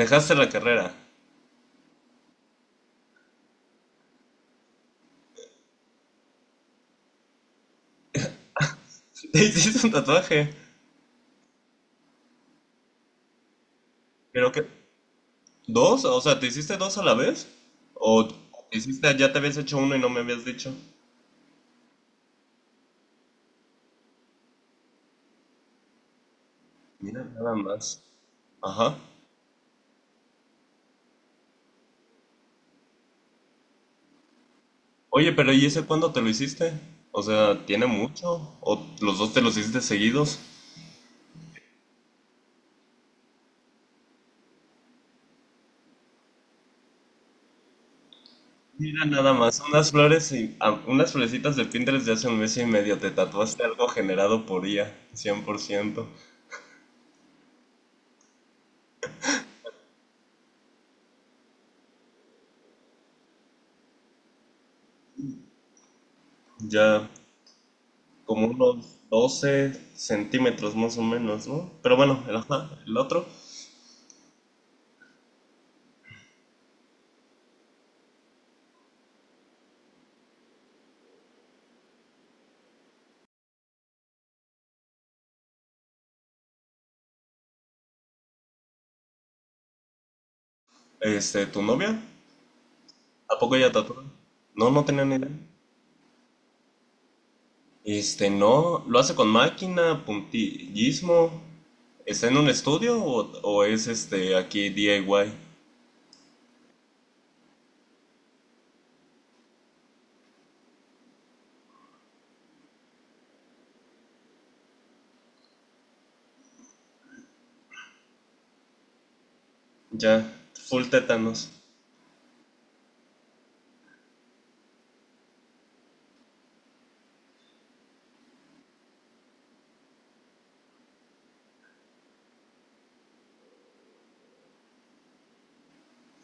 Dejaste la carrera. ¿Te hiciste un tatuaje? ¿Pero qué? ¿Dos? O sea, ¿te hiciste dos a la vez? ¿O te hiciste, ya te habías hecho uno y no me habías dicho? Mira, nada más. Ajá. Oye, pero ¿y ese cuándo te lo hiciste? O sea, ¿tiene mucho? ¿O los dos te los hiciste seguidos? Mira, nada más, unas flores y ah, unas florecitas de Pinterest de hace un mes y medio. Te tatuaste algo generado por I A, 100%. Ya. Como unos 12 centímetros más o menos, ¿no? Pero bueno, el, ajá, el otro, tu novia, ¿a poco ella tatúa? No, no tenía ni idea. No, lo hace con máquina, puntillismo. ¿Está en un estudio o es aquí DIY? Ya, full tétanos.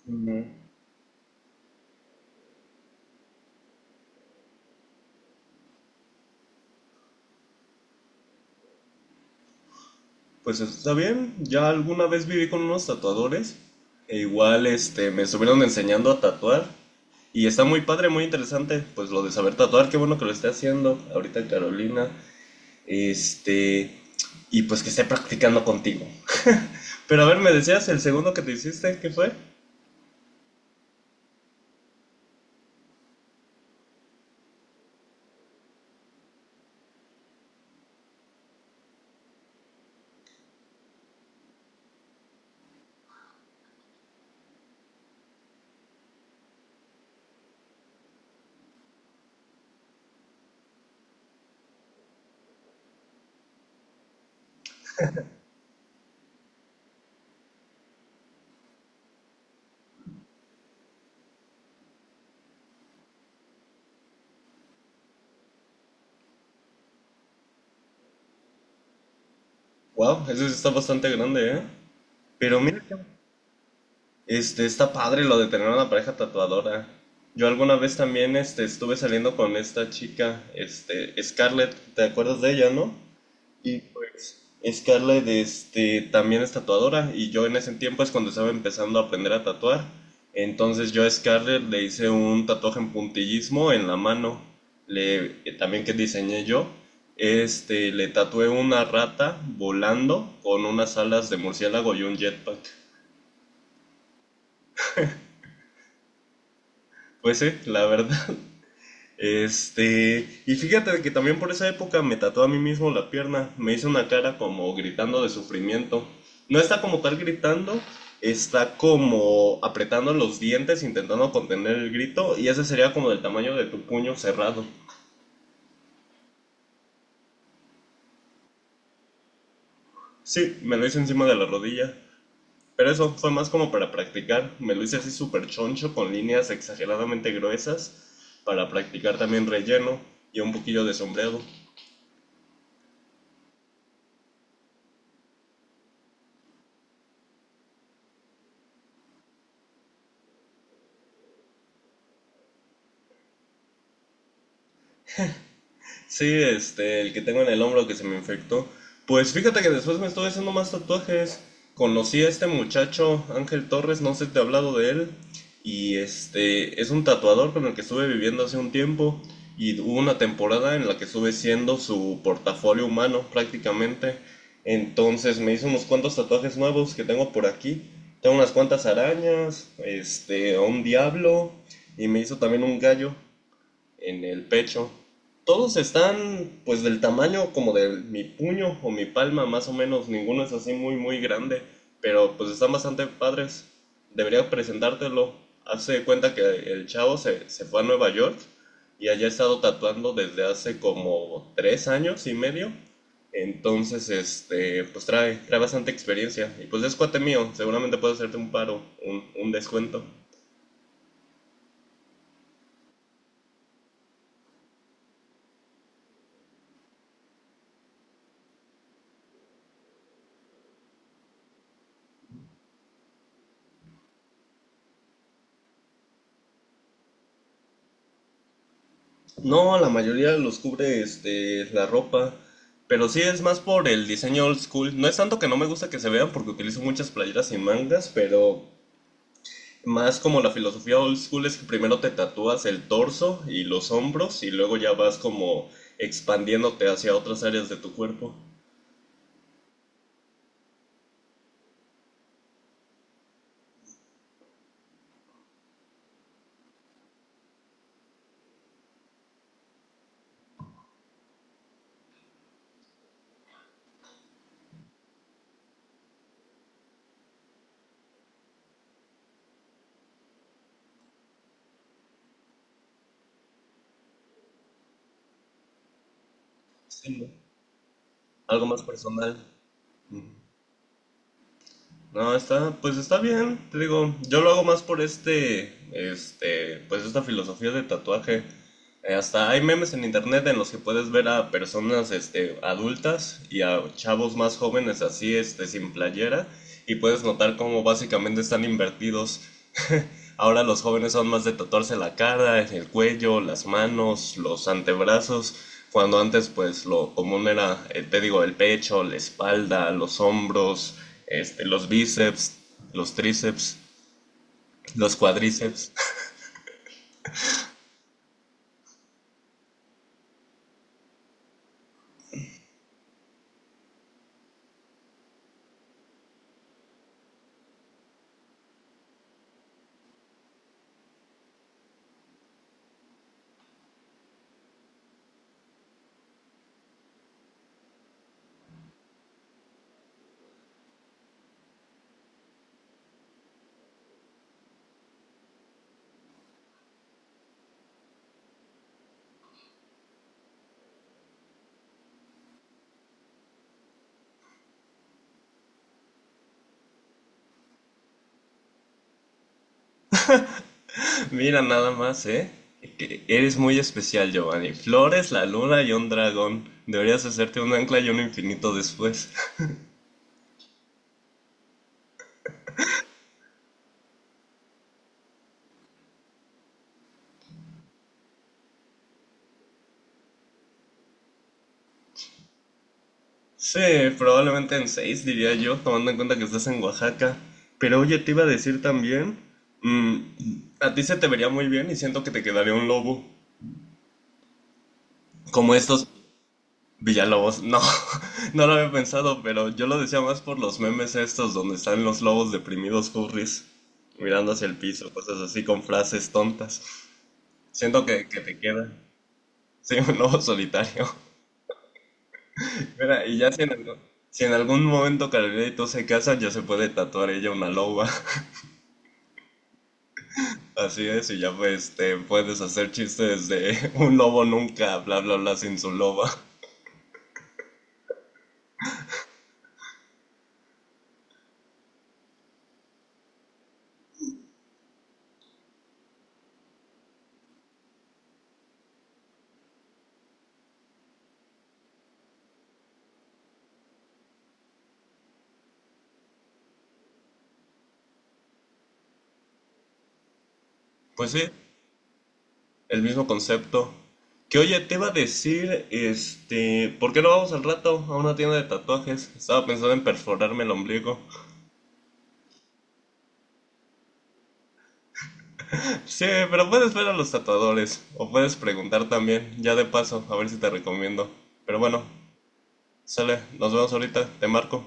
Ujú. Pues está bien, ya alguna vez viví con unos tatuadores e igual me estuvieron enseñando a tatuar y está muy padre, muy interesante, pues lo de saber tatuar, qué bueno que lo esté haciendo ahorita Carolina, este y pues que esté practicando contigo. Pero a ver, me decías el segundo que te hiciste, ¿qué fue? Wow, eso sí está bastante grande, ¿eh? Pero mira. Está padre lo de tener una pareja tatuadora. Yo alguna vez también, estuve saliendo con esta chica, Scarlett, ¿te acuerdas de ella, no? Y pues, Scarlett, también es tatuadora y yo en ese tiempo es cuando estaba empezando a aprender a tatuar. Entonces yo a Scarlett le hice un tatuaje en puntillismo en la mano, le, también que diseñé yo. Le tatué una rata volando con unas alas de murciélago y un jetpack. Pues sí, la verdad. Y fíjate que también por esa época me tatué a mí mismo la pierna, me hice una cara como gritando de sufrimiento. No está como tal gritando, está como apretando los dientes, intentando contener el grito, y ese sería como del tamaño de tu puño cerrado. Sí, me lo hice encima de la rodilla, pero eso fue más como para practicar, me lo hice así súper choncho, con líneas exageradamente gruesas, para practicar también relleno y un poquillo de sombreado. Sí, el que tengo en el hombro que se me infectó. Pues fíjate que después me estuve haciendo más tatuajes. Conocí a este muchacho, Ángel Torres, no sé si te he hablado de él. Y es un tatuador con el que estuve viviendo hace un tiempo. Y hubo una temporada en la que estuve siendo su portafolio humano prácticamente. Entonces me hizo unos cuantos tatuajes nuevos que tengo por aquí. Tengo unas cuantas arañas, a un diablo. Y me hizo también un gallo en el pecho. Todos están pues del tamaño como de mi puño o mi palma más o menos, ninguno es así muy muy grande, pero pues están bastante padres. Debería presentártelo. Hace de cuenta que el chavo se fue a Nueva York y allá ha estado tatuando desde hace como 3 años y medio. Entonces, pues trae bastante experiencia. Y pues es cuate mío, seguramente puedo hacerte un paro, un descuento. No, la mayoría los cubre la ropa. Pero sí es más por el diseño old school. No es tanto que no me gusta que se vean porque utilizo muchas playeras y mangas, pero más como la filosofía old school es que primero te tatúas el torso y los hombros y luego ya vas como expandiéndote hacia otras áreas de tu cuerpo. Sí, ¿no? Algo más personal. No, está, pues está bien, te digo, yo lo hago más por pues esta filosofía de tatuaje. Hasta hay memes en internet en los que puedes ver a personas, adultas y a chavos más jóvenes así, sin playera, y puedes notar cómo básicamente están invertidos. Ahora los jóvenes son más de tatuarse la cara, el cuello, las manos, los antebrazos, cuando antes pues lo común era, te digo, el pecho, la espalda, los hombros, los bíceps, los tríceps, los cuadríceps. Mira nada más, ¿eh? Que eres muy especial, Giovanni. Flores, la luna y un dragón. Deberías hacerte un ancla y un infinito después. Sí, probablemente en seis, diría yo, tomando en cuenta que estás en Oaxaca. Pero oye, te iba a decir también, mm, a ti se te vería muy bien y siento que te quedaría un lobo, como estos Villalobos. No, no lo había pensado, pero yo lo decía más por los memes estos donde están los lobos deprimidos furries, mirando hacia el piso, cosas así con frases tontas. Siento que, te queda, sí, un lobo solitario. Mira, y ya si en algún momento Carolina y tú se casan, ya se puede tatuar ella una loba. Así es, y ya pues te puedes hacer chistes de un lobo nunca, bla bla bla, sin su loba. Pues sí, el mismo concepto. Que oye, te iba a decir, ¿por qué no vamos al rato a una tienda de tatuajes? Estaba pensando en perforarme el ombligo. Sí, pero puedes ver a los tatuadores, o puedes preguntar también, ya de paso, a ver si te recomiendo. Pero bueno, sale, nos vemos ahorita, te marco.